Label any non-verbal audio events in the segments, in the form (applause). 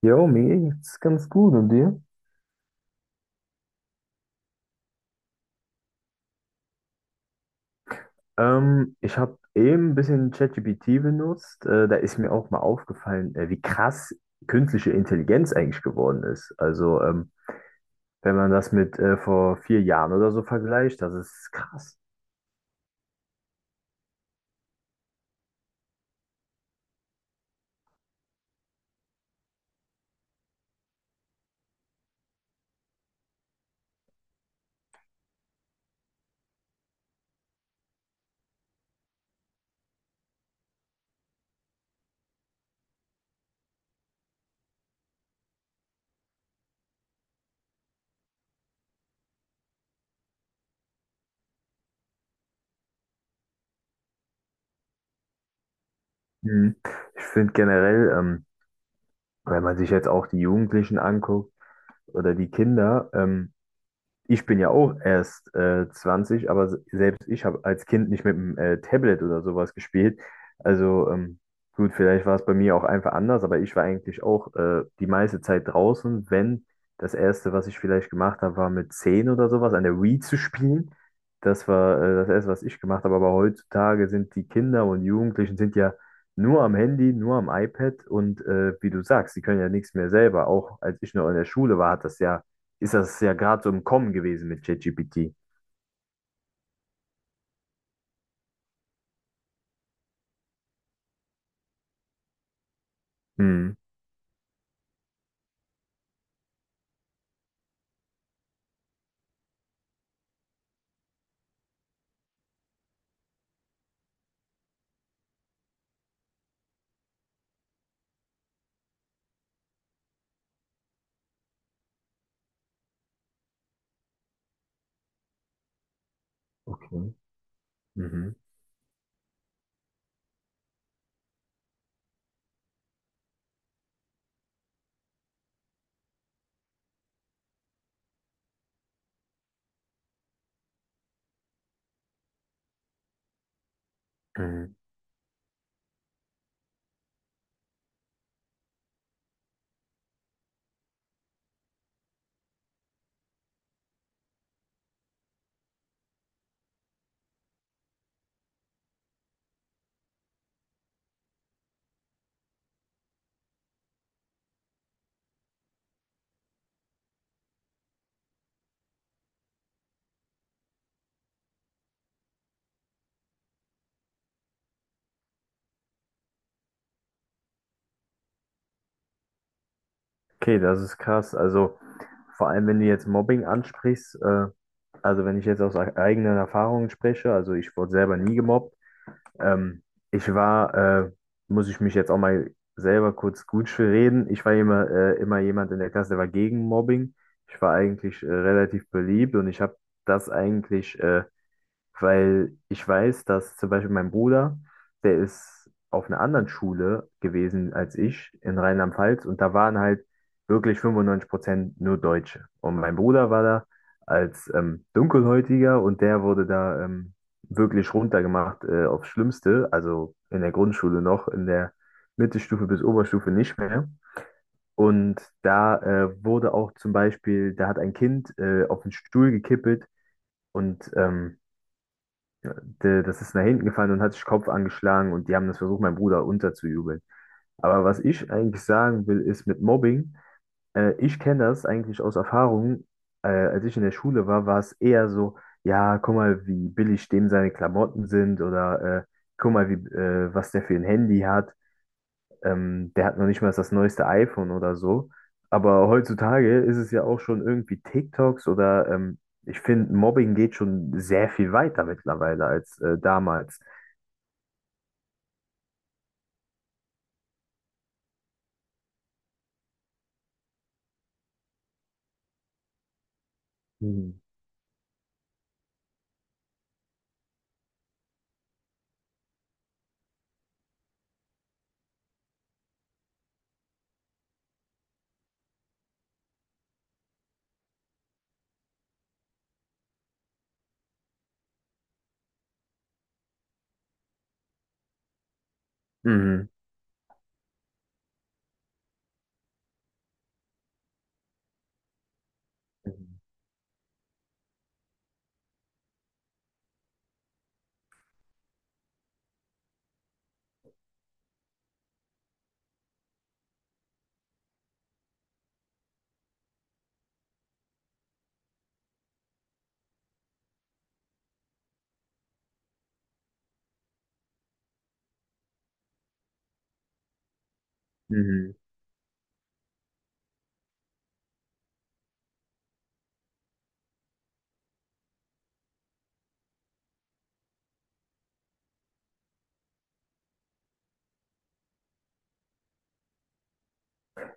Jo, mir geht's ganz gut und dir? Ich habe eben ein bisschen ChatGPT benutzt. Da ist mir auch mal aufgefallen, wie krass künstliche Intelligenz eigentlich geworden ist. Also, wenn man das mit vor 4 Jahren oder so vergleicht, das ist krass. Mhm. Ich finde generell, wenn man sich jetzt auch die Jugendlichen anguckt oder die Kinder. Ich bin ja auch erst 20, aber selbst ich habe als Kind nicht mit dem Tablet oder sowas gespielt. Also, gut, vielleicht war es bei mir auch einfach anders, aber ich war eigentlich auch die meiste Zeit draußen. Wenn Das Erste, was ich vielleicht gemacht habe, war mit 10 oder sowas an der Wii zu spielen. Das war das Erste, was ich gemacht habe. Aber heutzutage sind die Kinder und Jugendlichen sind ja nur am Handy, nur am iPad, und wie du sagst, die können ja nichts mehr selber. Auch als ich noch in der Schule war, hat das ja ist das ja gerade so im Kommen gewesen mit ChatGPT. Mhm. Okay. Mhm. Mhm. Okay, das ist krass. Also vor allem, wenn du jetzt Mobbing ansprichst, also wenn ich jetzt aus eigenen Erfahrungen spreche, also ich wurde selber nie gemobbt. Ähm, ich war, äh, Muss ich mich jetzt auch mal selber kurz gut für reden. Ich war immer jemand in der Klasse, der war gegen Mobbing. Ich war eigentlich relativ beliebt und ich habe das eigentlich weil ich weiß, dass zum Beispiel mein Bruder, der ist auf einer anderen Schule gewesen als ich in Rheinland-Pfalz, und da waren halt wirklich 95% nur Deutsche. Und mein Bruder war da als Dunkelhäutiger, und der wurde da wirklich runtergemacht, aufs Schlimmste, also in der Grundschule noch, in der Mittelstufe bis Oberstufe nicht mehr. Und da wurde auch zum Beispiel, da hat ein Kind auf den Stuhl gekippelt, und das ist nach hinten gefallen und hat sich Kopf angeschlagen, und die haben das versucht, meinem Bruder unterzujubeln. Aber was ich eigentlich sagen will, ist mit Mobbing, ich kenne das eigentlich aus Erfahrung. Als ich in der Schule war, war es eher so: Ja, guck mal, wie billig dem seine Klamotten sind, oder guck mal, wie, was der für ein Handy hat. Der hat noch nicht mal das neueste iPhone oder so. Aber heutzutage ist es ja auch schon irgendwie TikToks oder ich finde, Mobbing geht schon sehr viel weiter mittlerweile als damals. Mhm. Mhm. Mhm. Mhm.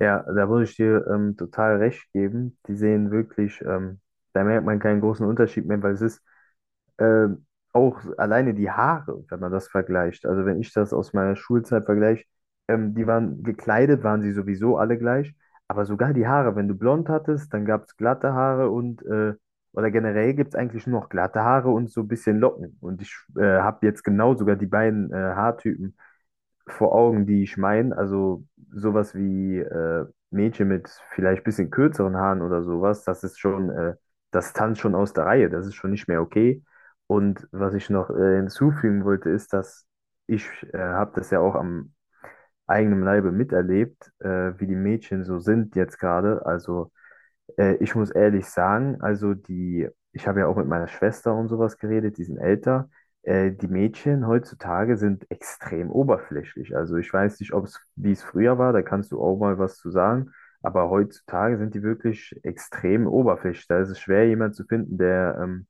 Ja, da würde ich dir total recht geben. Die sehen wirklich, da merkt man keinen großen Unterschied mehr, weil es ist ähm, auch alleine die Haare, wenn man das vergleicht. Also wenn ich das aus meiner Schulzeit vergleiche, die waren gekleidet, waren sie sowieso alle gleich, aber sogar die Haare: Wenn du blond hattest, dann gab es glatte Haare, oder generell gibt es eigentlich nur noch glatte Haare und so ein bisschen Locken. Und ich habe jetzt genau sogar die beiden Haartypen vor Augen, die ich meine. Also sowas wie Mädchen mit vielleicht bisschen kürzeren Haaren oder sowas, das ist schon, das tanzt schon aus der Reihe, das ist schon nicht mehr okay. Und was ich noch hinzufügen wollte, ist, dass ich habe das ja auch am eigenen Leibe miterlebt, wie die Mädchen so sind jetzt gerade. Also ich muss ehrlich sagen, also ich habe ja auch mit meiner Schwester und sowas geredet, die sind älter. Die Mädchen heutzutage sind extrem oberflächlich. Also ich weiß nicht, ob es, wie es früher war, da kannst du auch mal was zu sagen. Aber heutzutage sind die wirklich extrem oberflächlich. Da ist es schwer, jemanden zu finden, der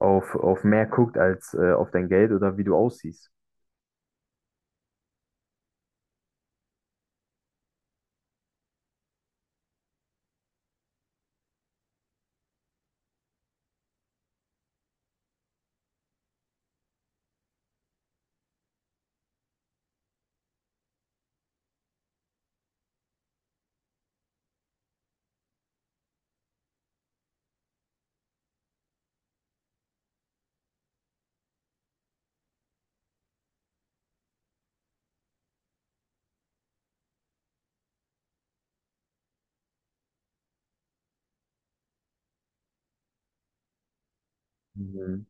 auf mehr guckt als auf dein Geld oder wie du aussiehst. Mhm.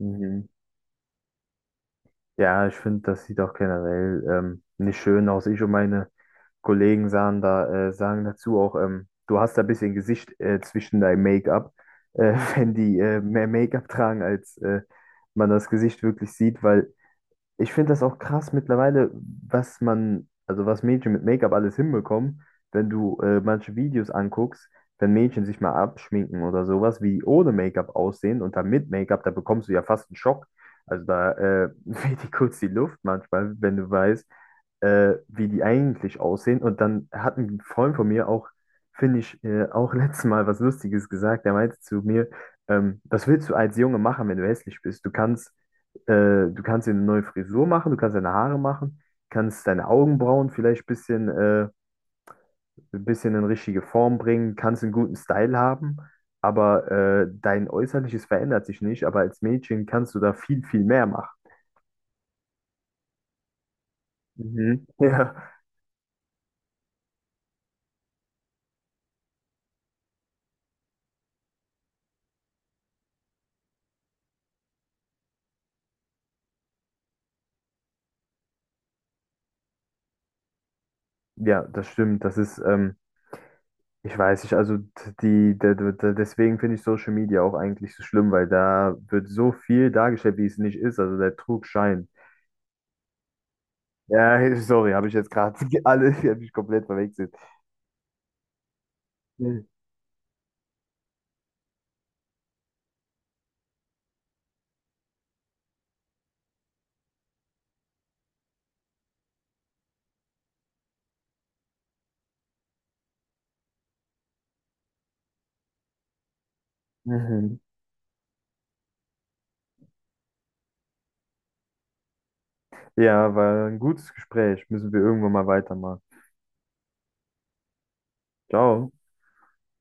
Mhm. Ja, ich finde, das sieht auch generell nicht schön aus. Ich und meine Kollegen sagen dazu auch, du hast da ein bisschen Gesicht zwischen deinem Make-up, (laughs) wenn die mehr Make-up tragen, als man das Gesicht wirklich sieht, weil ich finde das auch krass mittlerweile, also was Mädchen mit Make-up alles hinbekommen. Wenn du manche Videos anguckst, wenn Mädchen sich mal abschminken oder sowas, wie ohne Make-up aussehen und dann mit Make-up, da bekommst du ja fast einen Schock. Also da (laughs) weht dir kurz die Luft manchmal, wenn du weißt, wie die eigentlich aussehen. Und dann hat ein Freund von mir auch, finde ich, auch (laughs) letztes Mal was Lustiges gesagt. Der meinte zu mir, was willst du als Junge machen, wenn du hässlich bist? Du kannst dir eine neue Frisur machen, du kannst deine Haare machen, kannst deine Augenbrauen vielleicht ein bisschen in richtige Form bringen, kannst einen guten Style haben, aber dein Äußerliches verändert sich nicht, aber als Mädchen kannst du da viel, viel mehr machen. Mhm. (laughs) Ja, ja, das stimmt. Das ist, ich weiß nicht, also die, de- de- de- deswegen finde ich Social Media auch eigentlich so schlimm, weil da wird so viel dargestellt, wie es nicht ist. Also der Trug scheint. Ja, (laughs) sorry, habe ich jetzt gerade (laughs) alle, die habe ich komplett verwechselt. Mhm. Ja, war ein gutes Gespräch. Müssen wir irgendwann mal weitermachen. Ciao.